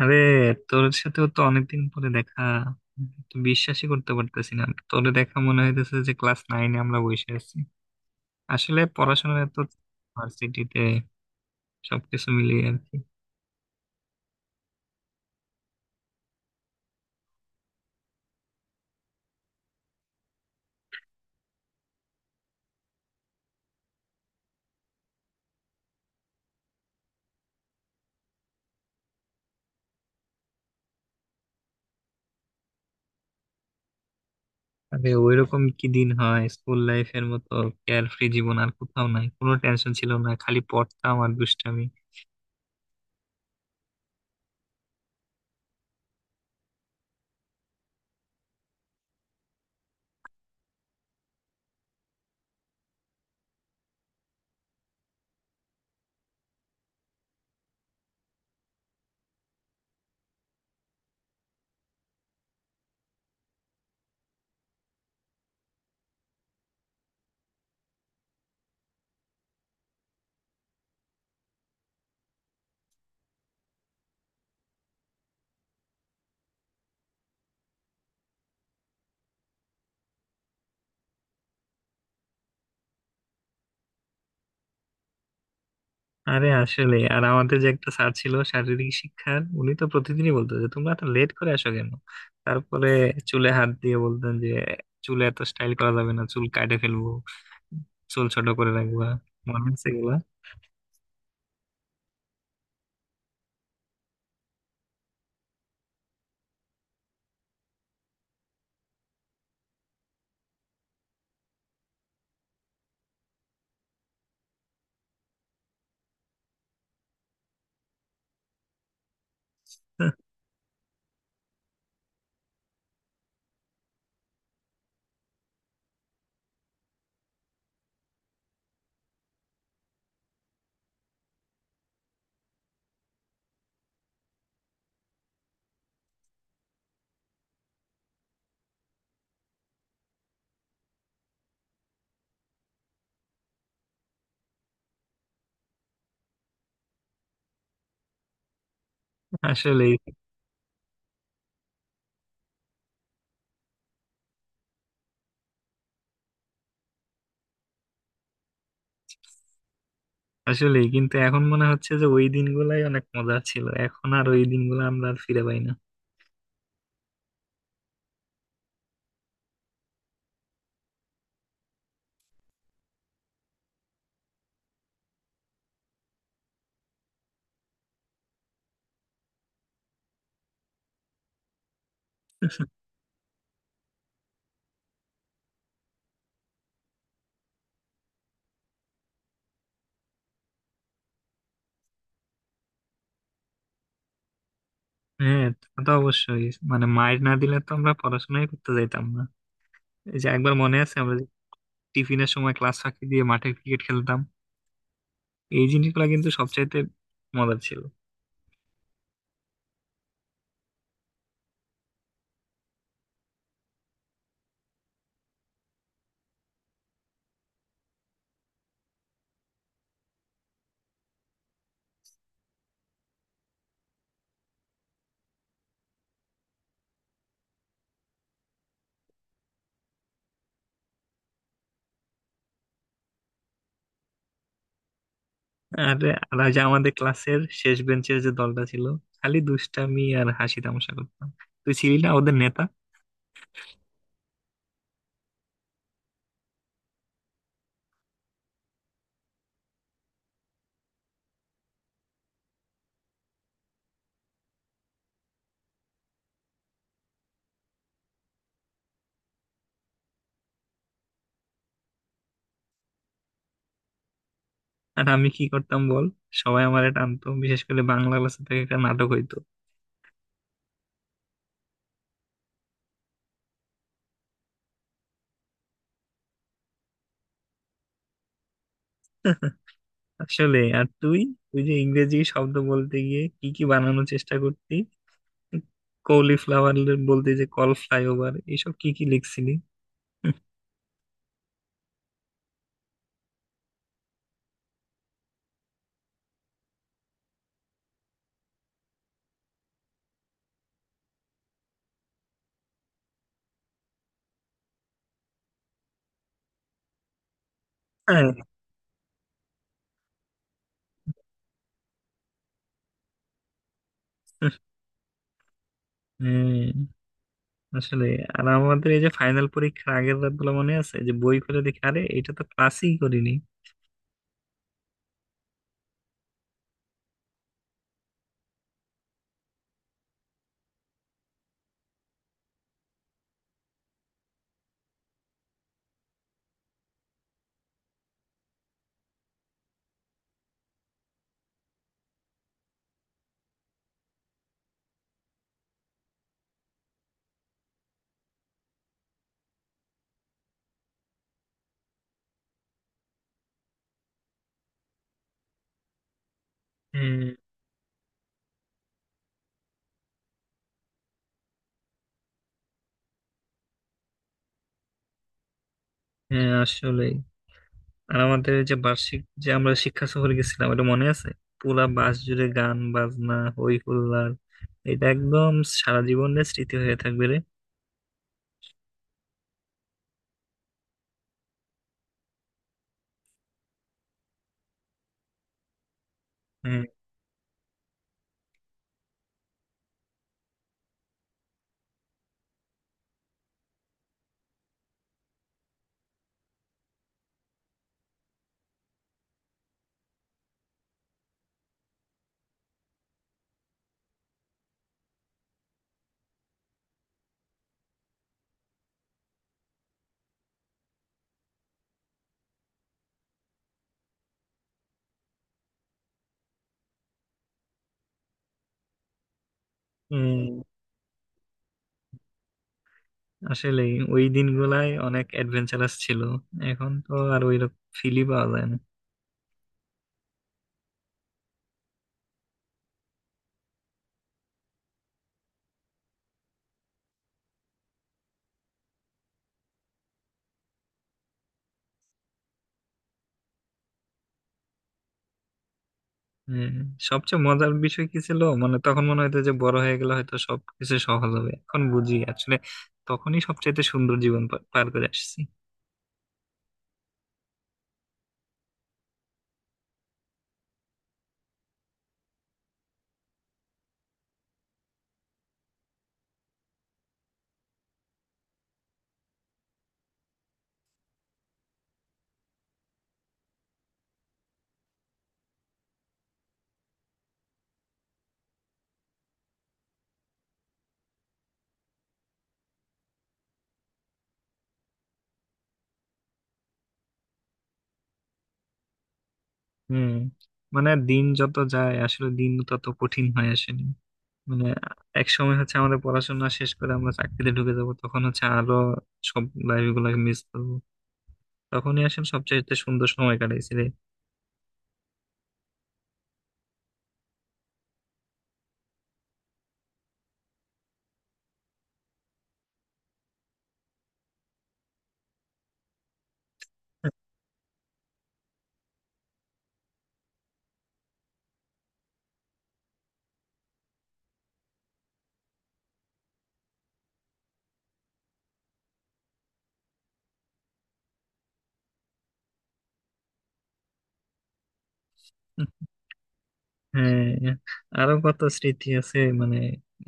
আরে, তোর সাথেও তো অনেকদিন পরে দেখা। তো বিশ্বাসই করতে পারতেছি না। তোরে দেখা মনে হইতেছে যে ক্লাস নাইনে আমরা বসে আছি। আসলে পড়াশোনা এত ভার্সিটিতে সবকিছু মিলিয়ে আর কি। আরে ওইরকম কি দিন হয় স্কুল লাইফের মতো? কেয়ার ফ্রি জীবন আর কোথাও নাই, কোনো টেনশন ছিল না, খালি পড়তাম আর দুষ্টামি। আরে আসলে আমাদের যে একটা স্যার ছিল শারীরিক শিক্ষার, উনি তো প্রতিদিনই বলতো যে তোমরা তো লেট করে আসো কেন। তারপরে চুলে হাত দিয়ে বলতেন যে চুলে এত স্টাইল করা যাবে না, চুল কাটে ফেলবো, চুল ছোট করে রাখবা। মনে আছে এগুলা? আসলেই আসলেই কিন্তু এখন মনে হচ্ছে যে ওই দিনগুলাই অনেক মজা ছিল, এখন আর ওই দিনগুলো আমরা আর ফিরে পাই না। হ্যাঁ, তা তো অবশ্যই। মানে মায়ের না দিলে তো আমরা পড়াশোনাই করতে যাইতাম না। এই যে একবার মনে আছে আমরা যে টিফিনের সময় ক্লাস ফাঁকি দিয়ে মাঠে ক্রিকেট খেলতাম, এই জিনিসগুলো কিন্তু সবচাইতে মজার ছিল। আর আর ওই যে আমাদের ক্লাসের শেষ বেঞ্চের যে দলটা ছিল, খালি দুষ্টামি আর হাসি তামাশা করতাম। তুই ছিলি না ওদের নেতা? আর আমি কি করতাম বল, সবাই আমারে টানতো বিশেষ করে বাংলা ক্লাসে, থেকে একটা নাটক হইতো। আসলে আর তুই তুই যে ইংরেজি শব্দ বলতে গিয়ে কি কি বানানোর চেষ্টা করতি, কলিফ্লাওয়ার বলতে যে কল ফ্লাইওভার এইসব কি কি লিখছিলি। হ্যাঁ, হ্যাঁ। আসলে আমাদের এই যে ফাইনাল পরীক্ষার আগের রাত গুলো মনে আছে যে বই খুলে দেখি আরে এটা তো ক্লাসই করিনি। হুম। হ্যাঁ আসলে আমাদের যে বার্ষিক, যে আমরা শিক্ষা সফরে গেছিলাম, ওটা মনে আছে? পুরা বাস জুড়ে গান বাজনা হই হুল্লার, এটা একদম সারা জীবনের স্মৃতি হয়ে থাকবে রে। হুম। হম। আসলে ওই দিনগুলাই অনেক অ্যাডভেঞ্চারাস ছিল, এখন তো আর ওই ফিলই পাওয়া যায় না। হ্যাঁ, সবচেয়ে মজার বিষয় কি ছিল মানে, তখন মনে হতো যে বড় হয়ে গেলে হয়তো সবকিছু সহজ হবে, এখন বুঝি আসলে তখনই সবচেয়ে সুন্দর জীবন পার করে আসছি। হুম। মানে দিন যত যায় আসলে দিন তত কঠিন হয়ে আসেনি। মানে এক সময় হচ্ছে আমাদের পড়াশোনা শেষ করে আমরা চাকরিতে ঢুকে যাব, তখন হচ্ছে আরো সব লাইফ গুলাকে মিস করবো। তখনই আসলে সবচেয়ে সুন্দর সময় কাটাইছি রে। হ্যাঁ, আরো কত স্মৃতি আছে মানে,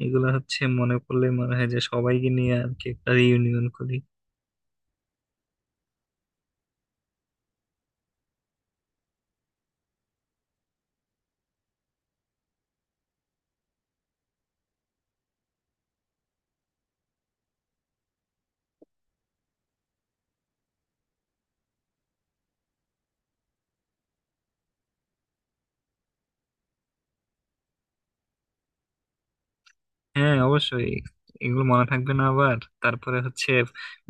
এগুলা হচ্ছে মনে পড়লে মনে হয় যে সবাইকে নিয়ে আর কি একটা রিউনিয়ন করি। হ্যাঁ, অবশ্যই। এগুলো মনে থাকবে না আবার? তারপরে হচ্ছে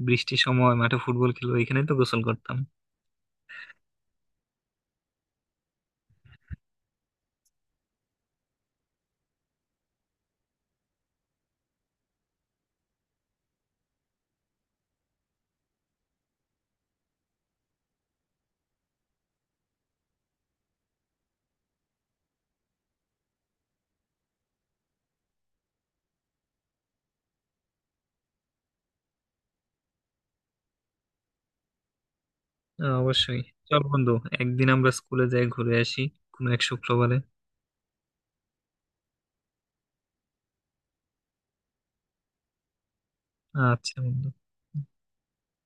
বৃষ্টির সময় মাঠে ফুটবল খেলবো, এখানে তো গোসল করতাম। হ্যাঁ, অবশ্যই। চল বন্ধু, একদিন আমরা স্কুলে যাই ঘুরে আসি কোনো এক শুক্রবারে। আচ্ছা বন্ধু।